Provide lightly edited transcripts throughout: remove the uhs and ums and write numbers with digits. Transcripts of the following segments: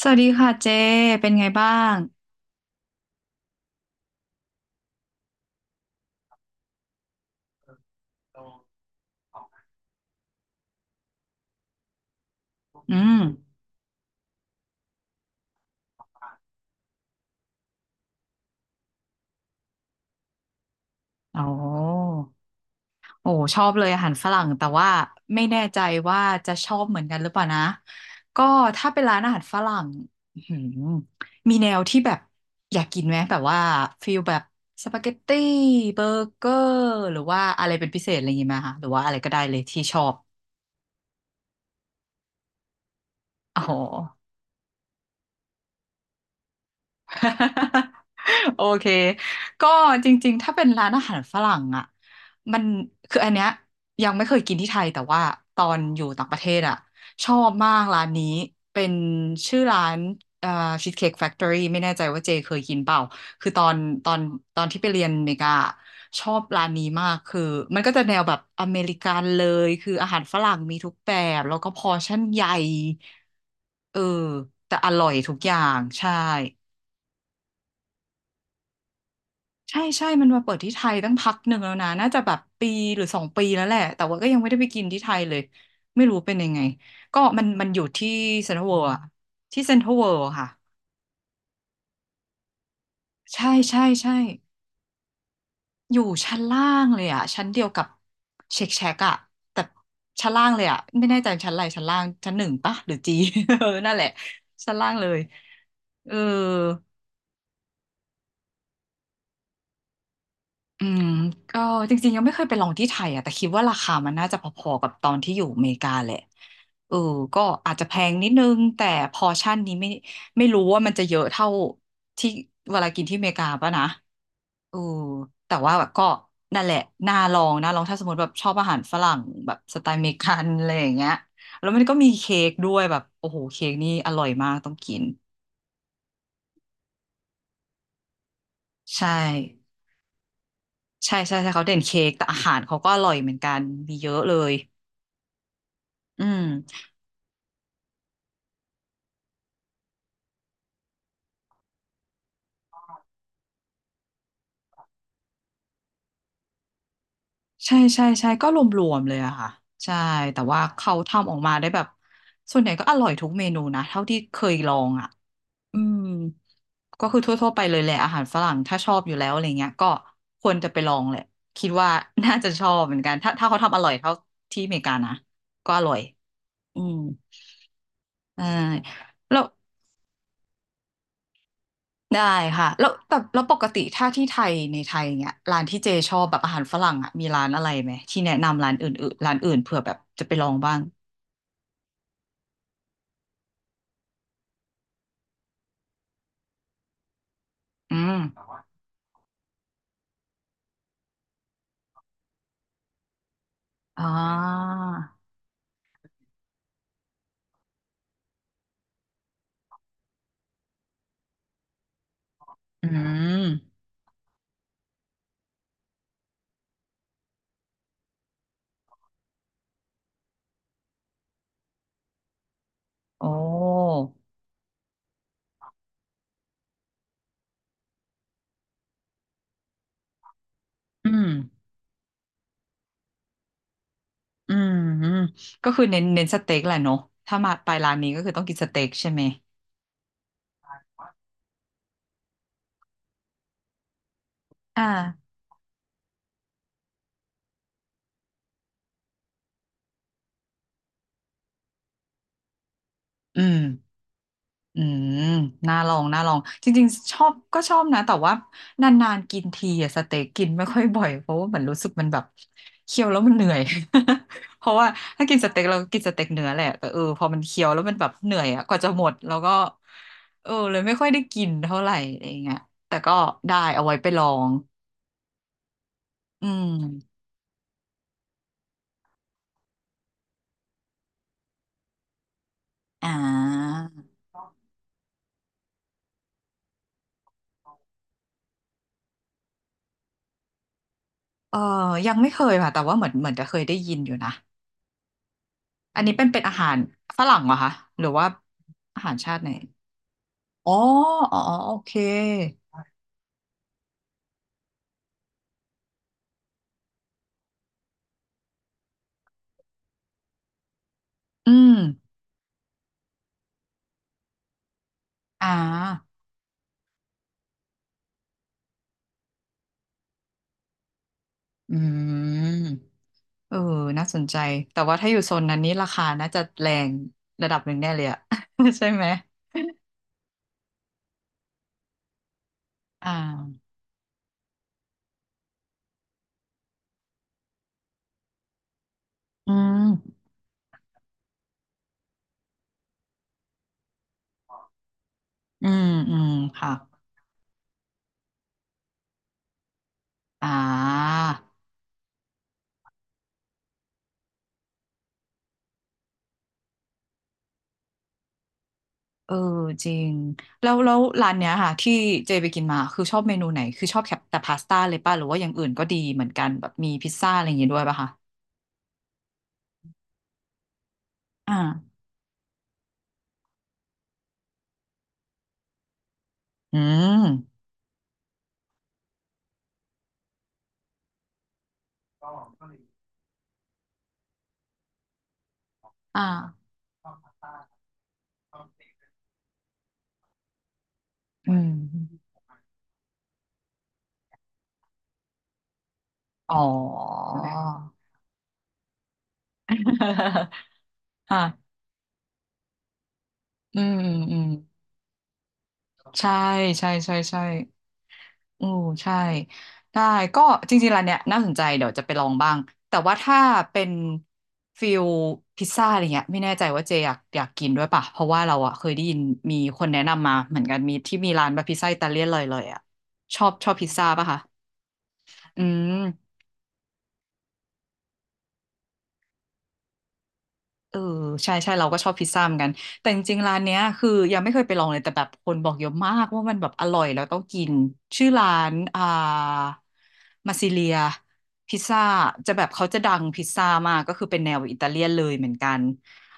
สวัสดีค่ะเจเป็นไงบ้างอืมโอ้อโอ้ชอบเลยอาหารฝรั่งแต่ว่าไม่แน่ใจว่าจะชอบเหมือนกันหรือเปล่านะก็ถ้าเป็นร้านอาหารฝรั่งอื้อหือมีแนวที่แบบอยากกินไหมแบบว่าฟิลแบบสปาเกตตี้เบอร์เกอร์หรือว่าอะไรเป็นพิเศษอะไรอย่างงี้ไหมคะหรือว่าอะไรก็ได้เลยที่ชอบอ๋อ โอเค ก็จริงๆ ถ้าเป็นร้านอาหารฝรั่งอ่ะมันคืออันเนี้ยยังไม่เคยกินที่ไทยแต่ว่าตอนอยู่ต่างประเทศอ่ะชอบมากร้านนี้เป็นชื่อร้านเอ่อชีสเค้กแฟคทอรี่ไม่แน่ใจว่าเจเคยกินเปล่าคือตอนตอนที่ไปเรียนอเมริกาอะชอบร้านนี้มากคือมันก็จะแนวแบบอเมริกันเลยคืออาหารฝรั่งมีทุกแบบแล้วก็พอร์ชั่นใหญ่เออแต่อร่อยทุกอย่างใช่ ใช่ใช่ มันมาเปิดที่ไทยตั้งพักหนึ่งแล้วนะน่าจะแบบปีหรือสองปีแล้วแหละแต่ว่าก็ยังไม่ได้ไปกินที่ไทยเลยไม่รู้เป็นยังไงก็มันอยู่ที่เซ็นทรัลเวิลด์อะที่เซ็นทรัลเวิลด์ค่ะใช่ใช่ใช่อยู่ชั้นล่างเลยอะชั้นเดียวกับเช็คแช็กอะแต่ชั้นล่างเลยอะไม่แน่ใจชั้นอะไรชั้นล่างชั้นหนึ่งปะหรือจี เออนั่นแหละชั้นล่างเลยเออ อืมก็จริงๆยังไม่เคยไปลองที่ไทยอ่ะแต่คิดว่าราคามันน่าจะพอๆกับตอนที่อยู่อเมริกาแหละเออก็อาจจะแพงนิดนึงแต่พอร์ชั่นนี้ไม่รู้ว่ามันจะเยอะเท่าที่เวลากินที่อเมริกาป่ะนะเออแต่ว่าแบบก็นั่นแหละน่าลองนะลองถ้าสมมติแบบชอบอาหารฝรั่งแบบสไตล์อเมริกันอะไรอย่างเงี้ยแล้วมันก็มีเค้กด้วยแบบโอ้โหเค้กนี่อร่อยมากต้องกินใช่ใช่ใช่ใช่เขาเด่นเค้กแต่อาหารเขาก็อร่อยเหมือนกันมีเยอะเลยอืม ใช่ใช่ใช่ก็รวมๆเลยอะค่ะใช่แต่ว่าเขาทำออกมาได้แบบส่วนใหญ่ก็อร่อยทุกเมนูนะเท่าที่เคยลองอะอืมก็คือทั่วๆไปเลยแหละอาหารฝรั่งถ้าชอบอยู่แล้วอะไรเงี้ยก็ควรจะไปลองแหละคิดว่า น่าจะชอบเหมือนกันถ้าถ้าเขาทำอร่อยเท่าที่อเมริกานะก็อร่อยอืมได้แล้วได้ค่ะแล้วแต่แล้วปกติถ้าที่ไทยในไทยเนี้ยร้านที่เจชอบแบบอาหารฝรั่งอะมีร้านอะไรไหมที่แนะนำร้านอื่นๆร้านอื่นเผื่อแบบจะไปลองบ้าง อืมอ๋ออืมโอ้อืม อืม อืม ก็คือเน้นสเต็กแหละเนอะ ถ้ามาไปร้านนี้ก็คือต้องกินสเต็กใช่ไหมอ่าอืม อืมน่าลองน่าลองจริงๆ ชอบก็ชอบนะแต่ว่านานๆกินทีอะสเต็กกินไม่ค่อยบ่อยเพราะว่าเหมือนรู้สึกมันแบบเคี้ยวแล้วมันเหนื่อย เพราะว่าถ้ากินสเต็กเรากินสเต็กเนื้อแหละแต่เออพอมันเคี้ยวแล้วมันแบบเหนื่อยอะกว่าจะหมดแล้วก็เออเลยไม่ค่อยได้กินเท่าไหร่อะไรอย่างเงี้ยแต่ก็ได้เอาไว้ไปลองอืมอ่าเออยังไม่เคยค่ะแต่ว่าเหมือนจะเคยได้ยินอยู่นะอันนี้เป็นอาหารฝรั่งเหรอคะหรือว่าอาหารชาติไหน อ๋ออ๋ออ๋อโอเคอืมอ่าอืมเออน่าสนใจแต่ว่าถ้าอยู่โซนนั้นนี้ราคาน่าจะแรงระดับหนึ่งแน่เลยอะ ใช่ไหมอ่าอืมอืมอืมค่ะอ่าเออจริงแล้วแล้วร้านเนี้ยค่ะที่เจไปกินมา คือชอบเมนูไหนคือชอบแค่แต่พาสต้าเลยป่ะหรือว่าอย่างอื่นก็ดีเหมือนกันแบบมีพิซซ่าอะไรอย่างงี้ด้วยป่ะคะอ่าอืมอ่าอืมอ๋อ อ่ะอืมอืมใช่ใช่ใช่ใช่อือใช่ได้ก็จริงๆร้านเนี้ยน่าสนใจเดี๋ยวจะไปลองบ้างแต่ว่าถ้าเป็นฟิลพิซซ่าอะไรเงี้ยไม่แน่ใจว่าเจอยากกินด้วยป่ะเพราะว่าเราอะเคยได้ยินมีคนแนะนำมาเหมือนกันมีที่มีร้านแบบพิซซ่าอิตาเลียนเลยอะชอบพิซซ่าป่ะคะอืม เออใช่ใช่เราก็ชอบพิซซ่าเหมือนกันแต่จริงๆร้านเนี้ยคือยังไม่เคยไปลองเลยแต่แบบคนบอกเยอะมากว่ามันแบบอร่อยแล้วต้องกินชื่อร้านมาซิเลียพิซซ่าจะแบบเขาจะดังพิซซ่ามากก็คือเป็นแนวอิตาเลียนเลยเหมือนกัน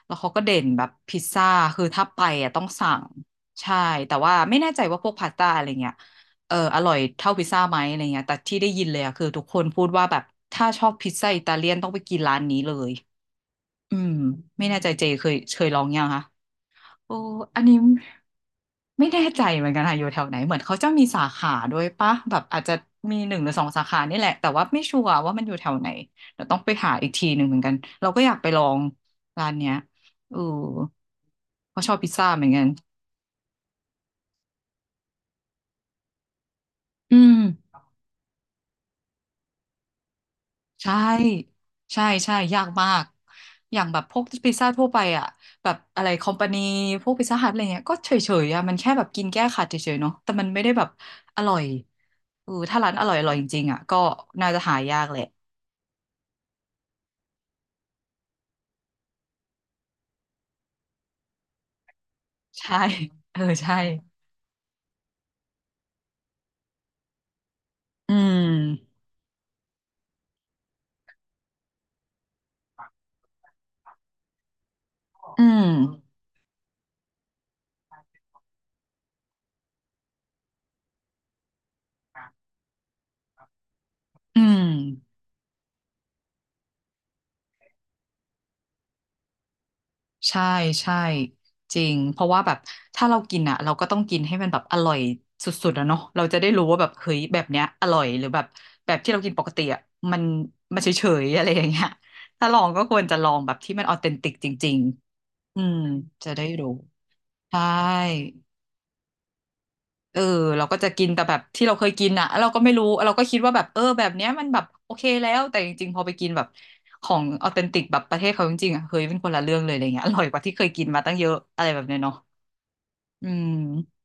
แล้วเขาก็เด่นแบบพิซซ่าคือถ้าไปอ่ะต้องสั่งใช่แต่ว่าไม่แน่ใจว่าพวกพาสต้าอะไรเงี้ยเอออร่อยเท่าพิซซ่าไหมอะไรเงี้ยแต่ที่ได้ยินเลยอะคือทุกคนพูดว่าแบบถ้าชอบพิซซ่าอิตาเลียนต้องไปกินร้านนี้เลย อืมไม่แน่ใจเจเคยลองยังคะโอ้อันนี้ไม่แน่ใจเหมือนกันค่ะอยู่แถวไหนเหมือนเขาจะมีสาขาด้วยปะแบบอาจจะมีหนึ่งหรือสองสาขานี่แหละแต่ว่าไม่ชัวร์ว่ามันอยู่แถวไหนเดี๋ยวต้องไปหาอีกทีหนึ่งเหมือนกันเราก็อยากไปลองร้านเนี้ยเออเพราะชอบพิซซ่าเหมือนกันอืม ใช่ใช่ใช่ยากมากอย่างแบบพวกพิซซ่าทั่วไปอ่ะแบบอะไรคอมพานีพวกพิซซ่าฮัทอะไรเงี้ยก็เฉยๆอ่ะมันแค่แบบกินแก้ขัดเฉยๆเนาะแต่มันไม่ได้แบบอร่อยเออถ้าร้านอร่อยอร่อยจริงๆอ่ะก็น่าจะหายากแหละใช่เออใช่อืมอืมอืม ใช่ใช่จริงเพราะว่าแบบถ้าเรากินอ่ะเราก็ต้องกินให้มันแบบอร่อยสุดๆอะเนาะเราจะได้รู้ว่าแบบเฮ้ยแบบเนี้ยอร่อยหรือแบบแบบที่เรากินปกติอ่ะมันมันเฉยๆอะไรอย่างเงี้ยถ้าลองก็ควรจะลองแบบที่มันออเทนติกจริงๆอืมจะได้รู้ใช่ เออเราก็จะกินแต่แบบที่เราเคยกินอ่ะแล้วเราก็ไม่รู้เราก็คิดว่าแบบเออแบบเนี้ยมันแบบโอเคแล้วแต่จริงๆพอไปกินแบบของออเทนติกแบบประเทศเขาจริงๆอ่ะเฮ้ยเป็นคนละเรื่องเลยอะไรเงี้ยอร่อยกว่าที่เคยกินมาตั้งเยอะอะไรแบบเนี้ยเนาะอืม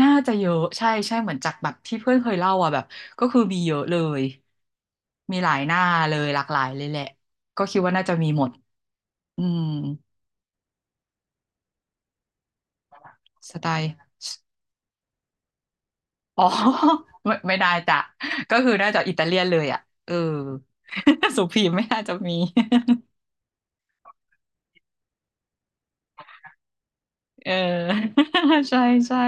น่าจะเยอะใช่ใช่เหมือนจากแบบที่เพื่อนเคยเล่าอ่ะแบบก็คือมีเยอะเลยมีหลายหน้าเลยหลากหลายเลยแหละก็คิดว่าน่าจะมีหมดอืมสไตล์ อ๋อ ไม่ไม่ได้จ้ะก็คือน่าจะอิตาเลียนเลยอ่ะเออ สุพีมไม่น่าจะมี เออ ใช่ใช่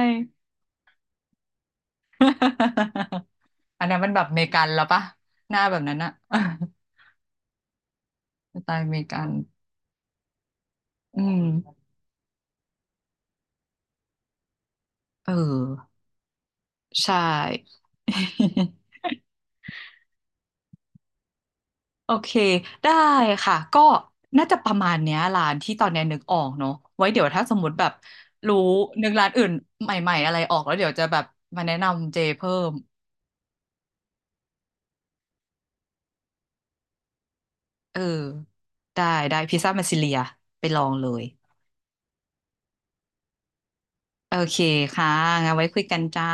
อันนั้นมันแบบอเมริกันแล้วปะหน้าแบบนั้นอะ สไตล์อเมริกันอืมเออใช่ โอเคได้ค่ะก็น่าจะประมาณเนี้ยร้านที่ตอนเนี้ยนึกออกเนอะไว้เดี๋ยวถ้าสมมติแบบรู้นึกร้านอื่นใหม่ๆอะไรออกแล้วเดี๋ยวจะแบบมาแนะนำเจเพิ่ม เออได้ได้พิซซ่ามาซิเลียไปลองเลยโอเคค่ะงั้นไว้คุยกันจ้า